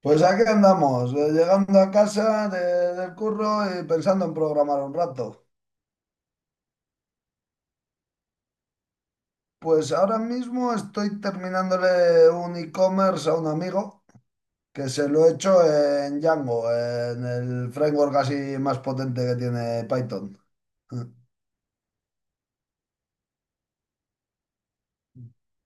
Pues aquí andamos, llegando a casa del curro y pensando en programar un rato. Pues ahora mismo estoy terminándole un e-commerce a un amigo que se lo he hecho en Django, en el framework así más potente que tiene Python.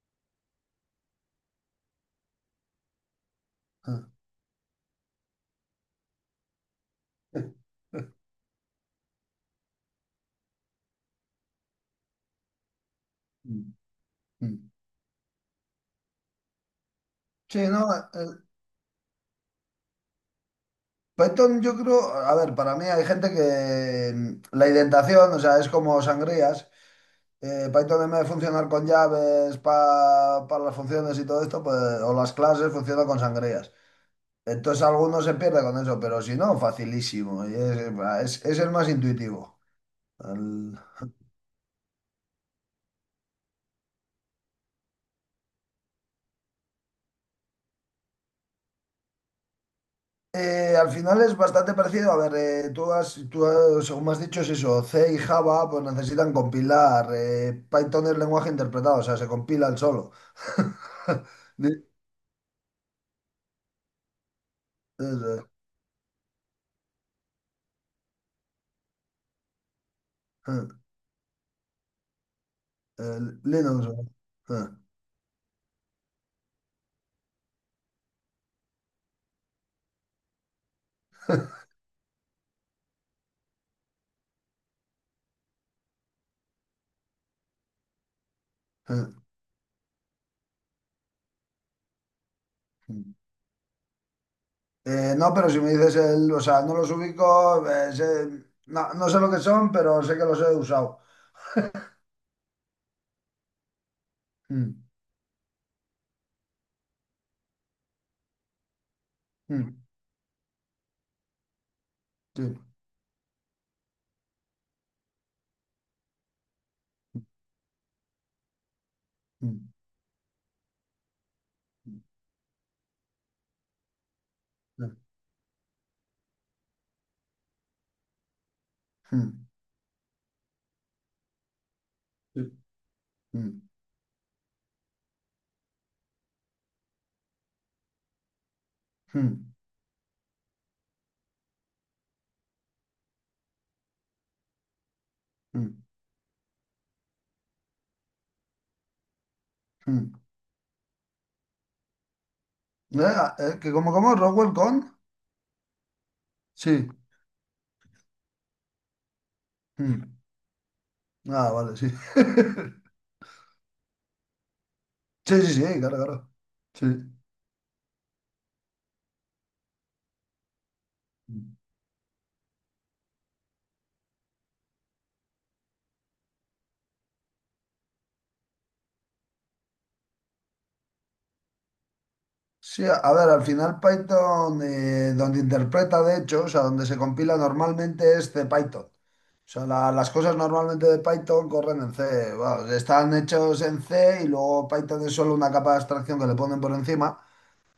Sí, no, Python yo creo, a ver, para mí hay gente que la indentación, o sea, es como sangrías. Python en vez de funcionar con llaves para las funciones y todo esto, pues, o las clases, funciona con sangrías. Entonces alguno se pierde con eso, pero si no, facilísimo. Es el más intuitivo. Al, al final es bastante parecido. A ver, según me has dicho, es eso. C y Java pues necesitan compilar. Python es lenguaje interpretado, o sea, se compila el solo. Li- eso, eh, eh, Linux. eh, eh. eh. No, pero si me dices el, o sea, no los ubico, no sé lo que son, pero sé que los he usado. Mm, mm, sí, mm, mm, mm, sí, mm, mm, mm, mm. ¿Que cómo, cómo? ¿Rockwell con? Sí. Mm. Ah, vale, sí. Sí, sí, sí, claro, claro. Sí. Sí, a ver, al final Python, donde interpreta de hecho, o sea, donde se compila normalmente es de Python. O sea, las cosas normalmente de Python corren en C. Bueno, están hechos en C y luego Python es solo una capa de abstracción que le ponen por encima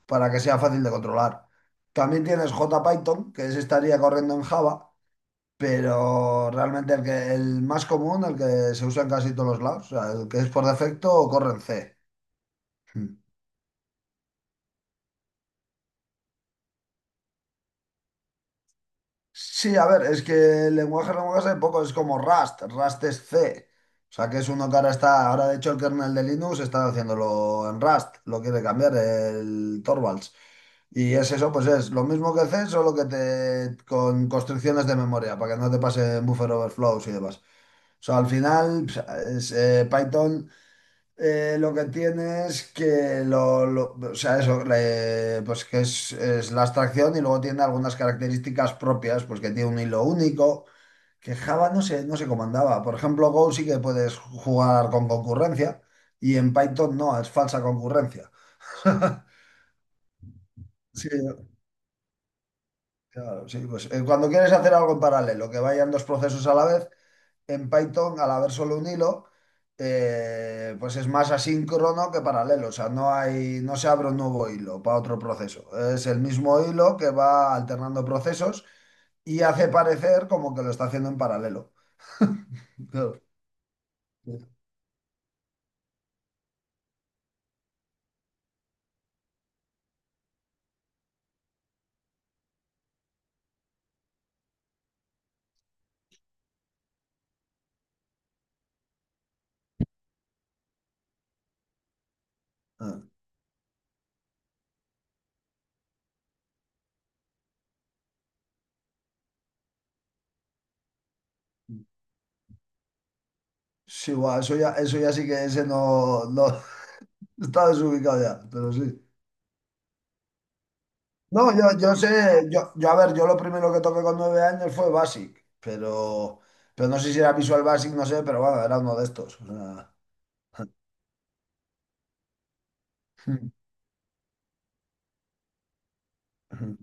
para que sea fácil de controlar. También tienes JPython, que ese estaría corriendo en Java, pero realmente el más común, el que se usa en casi todos los lados, o sea, el que es por defecto, corre en C. Sí, a ver, es que lenguaje, lenguaje hay poco, es como Rust, Rust es C. O sea, que es uno que ahora de hecho el kernel de Linux está haciéndolo en Rust, lo quiere cambiar el Torvalds. Y es eso, pues es lo mismo que C, solo que te con constricciones de memoria, para que no te pase buffer overflows y demás. O sea, al final pues, es, Python. Lo que tiene es que lo- o sea, eso, pues que es la abstracción y luego tiene algunas características propias, pues que tiene un hilo único, que Java no se comandaba. Por ejemplo, Go sí que puedes jugar con concurrencia y en Python no, es falsa concurrencia. Sí, claro, sí, pues cuando quieres hacer algo en paralelo, que vayan dos procesos a la vez, en Python, al haber solo un hilo, pues es más asíncrono que paralelo. O sea, no hay, no se abre un nuevo hilo para otro proceso. Es el mismo hilo que va alternando procesos y hace parecer como que lo está haciendo en paralelo. Claro. Ah, sí, guau, eso ya sí que ese no, no está desubicado ya, pero sí. No, yo sé, yo a ver, yo lo primero que toqué con 9 años fue Basic, pero no sé si era Visual Basic, no sé, pero bueno, era uno de estos. O sea. Mm, mm.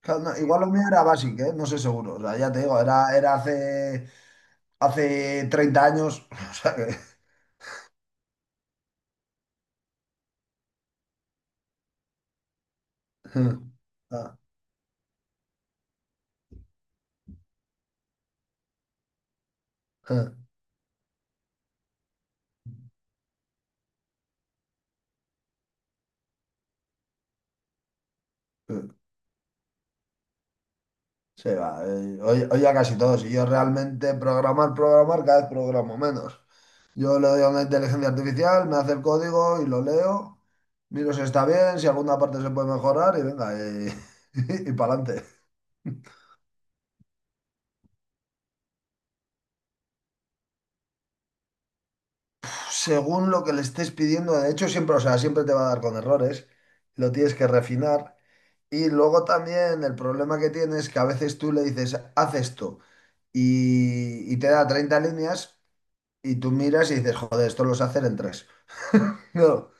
Claro, no, igual lo mío era básico, ¿eh? No sé seguro. O sea, ya te digo, era hace, hace 30 años. O sea que. Mm, ah, ah, mm. Sí, va. Hoy, hoy ya casi todos. Y yo realmente programar, programar, cada vez programo menos. Yo le doy a una inteligencia artificial, me hace el código y lo leo. Miro si está bien, si alguna parte se puede mejorar y venga, y, y, para adelante. Según lo que le estés pidiendo, de hecho, siempre, o sea, siempre te va a dar con errores. Lo tienes que refinar. Y luego también el problema que tienes es que a veces tú le dices, haz esto, y te da 30 líneas, y tú miras y dices, joder, esto lo sé hacer en tres. No.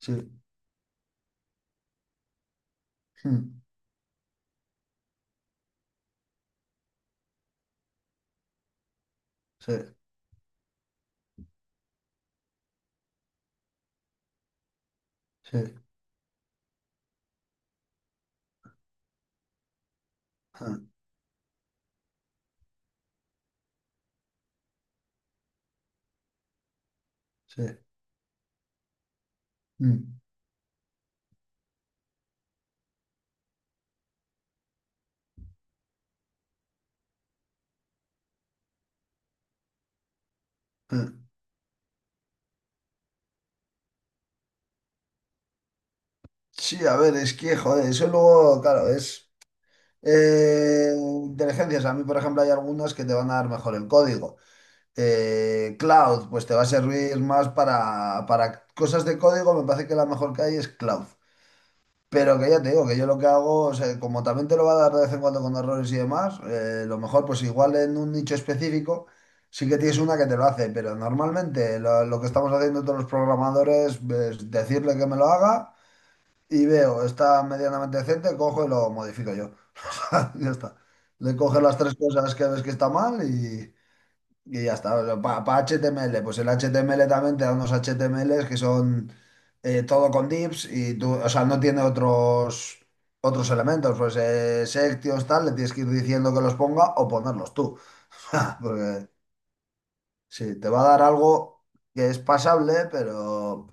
Sí, sí, sí, sí. Sí, a ver, es que, joder, eso luego, claro, es inteligencias. A mí, por ejemplo, hay algunas que te van a dar mejor el código. Cloud, pues te va a servir más para cosas de código, me parece que la mejor que hay es cloud. Pero que ya te digo, que yo lo que hago, o sea, como también te lo va a dar de vez en cuando con errores y demás, lo mejor pues igual en un nicho específico sí que tienes una que te lo hace, pero normalmente lo que estamos haciendo todos los programadores es decirle que me lo haga y veo, está medianamente decente, cojo y lo modifico yo. O sea, ya está. Le coges las tres cosas que ves que está mal y... Y ya está, para HTML, pues el HTML también te da unos HTMLs que son todo con divs y tú, o sea, no tiene otros, otros elementos, pues sections, tal, le tienes que ir diciendo que los ponga o ponerlos tú. Porque sí, te va a dar algo que es pasable,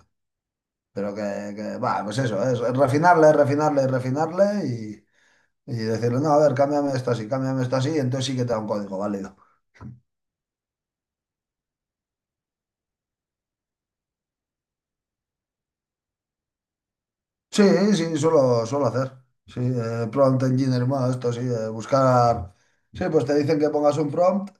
pero que, va, pues eso, es refinarle, refinarle, refinarle y decirle, no, a ver, cámbiame esto así, y entonces sí que te da un código válido. Sí, sí, suelo, suelo hacer. Sí, prompt engineer más, esto sí, buscar. Sí, pues te dicen que pongas un prompt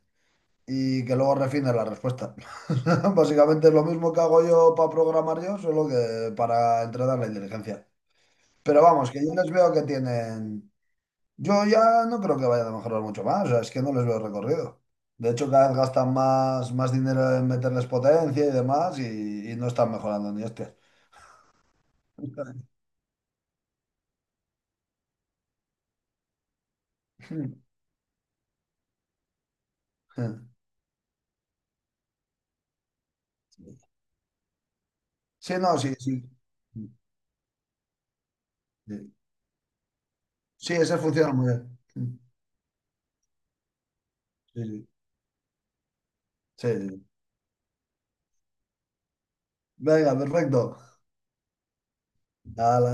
y que luego refines la respuesta. Básicamente es lo mismo que hago yo para programar yo, solo que para entrenar la inteligencia. Pero vamos, que yo les veo que tienen. Yo ya no creo que vayan a mejorar mucho más, o sea, es que no les veo recorrido. De hecho, cada vez gastan más, más dinero en meterles potencia y demás y no están mejorando ni este. Sí, no, sí, sí. Sí, sí, esa funciona muy bien. Sí, sí, sí. Sí. Venga, perfecto. Ala,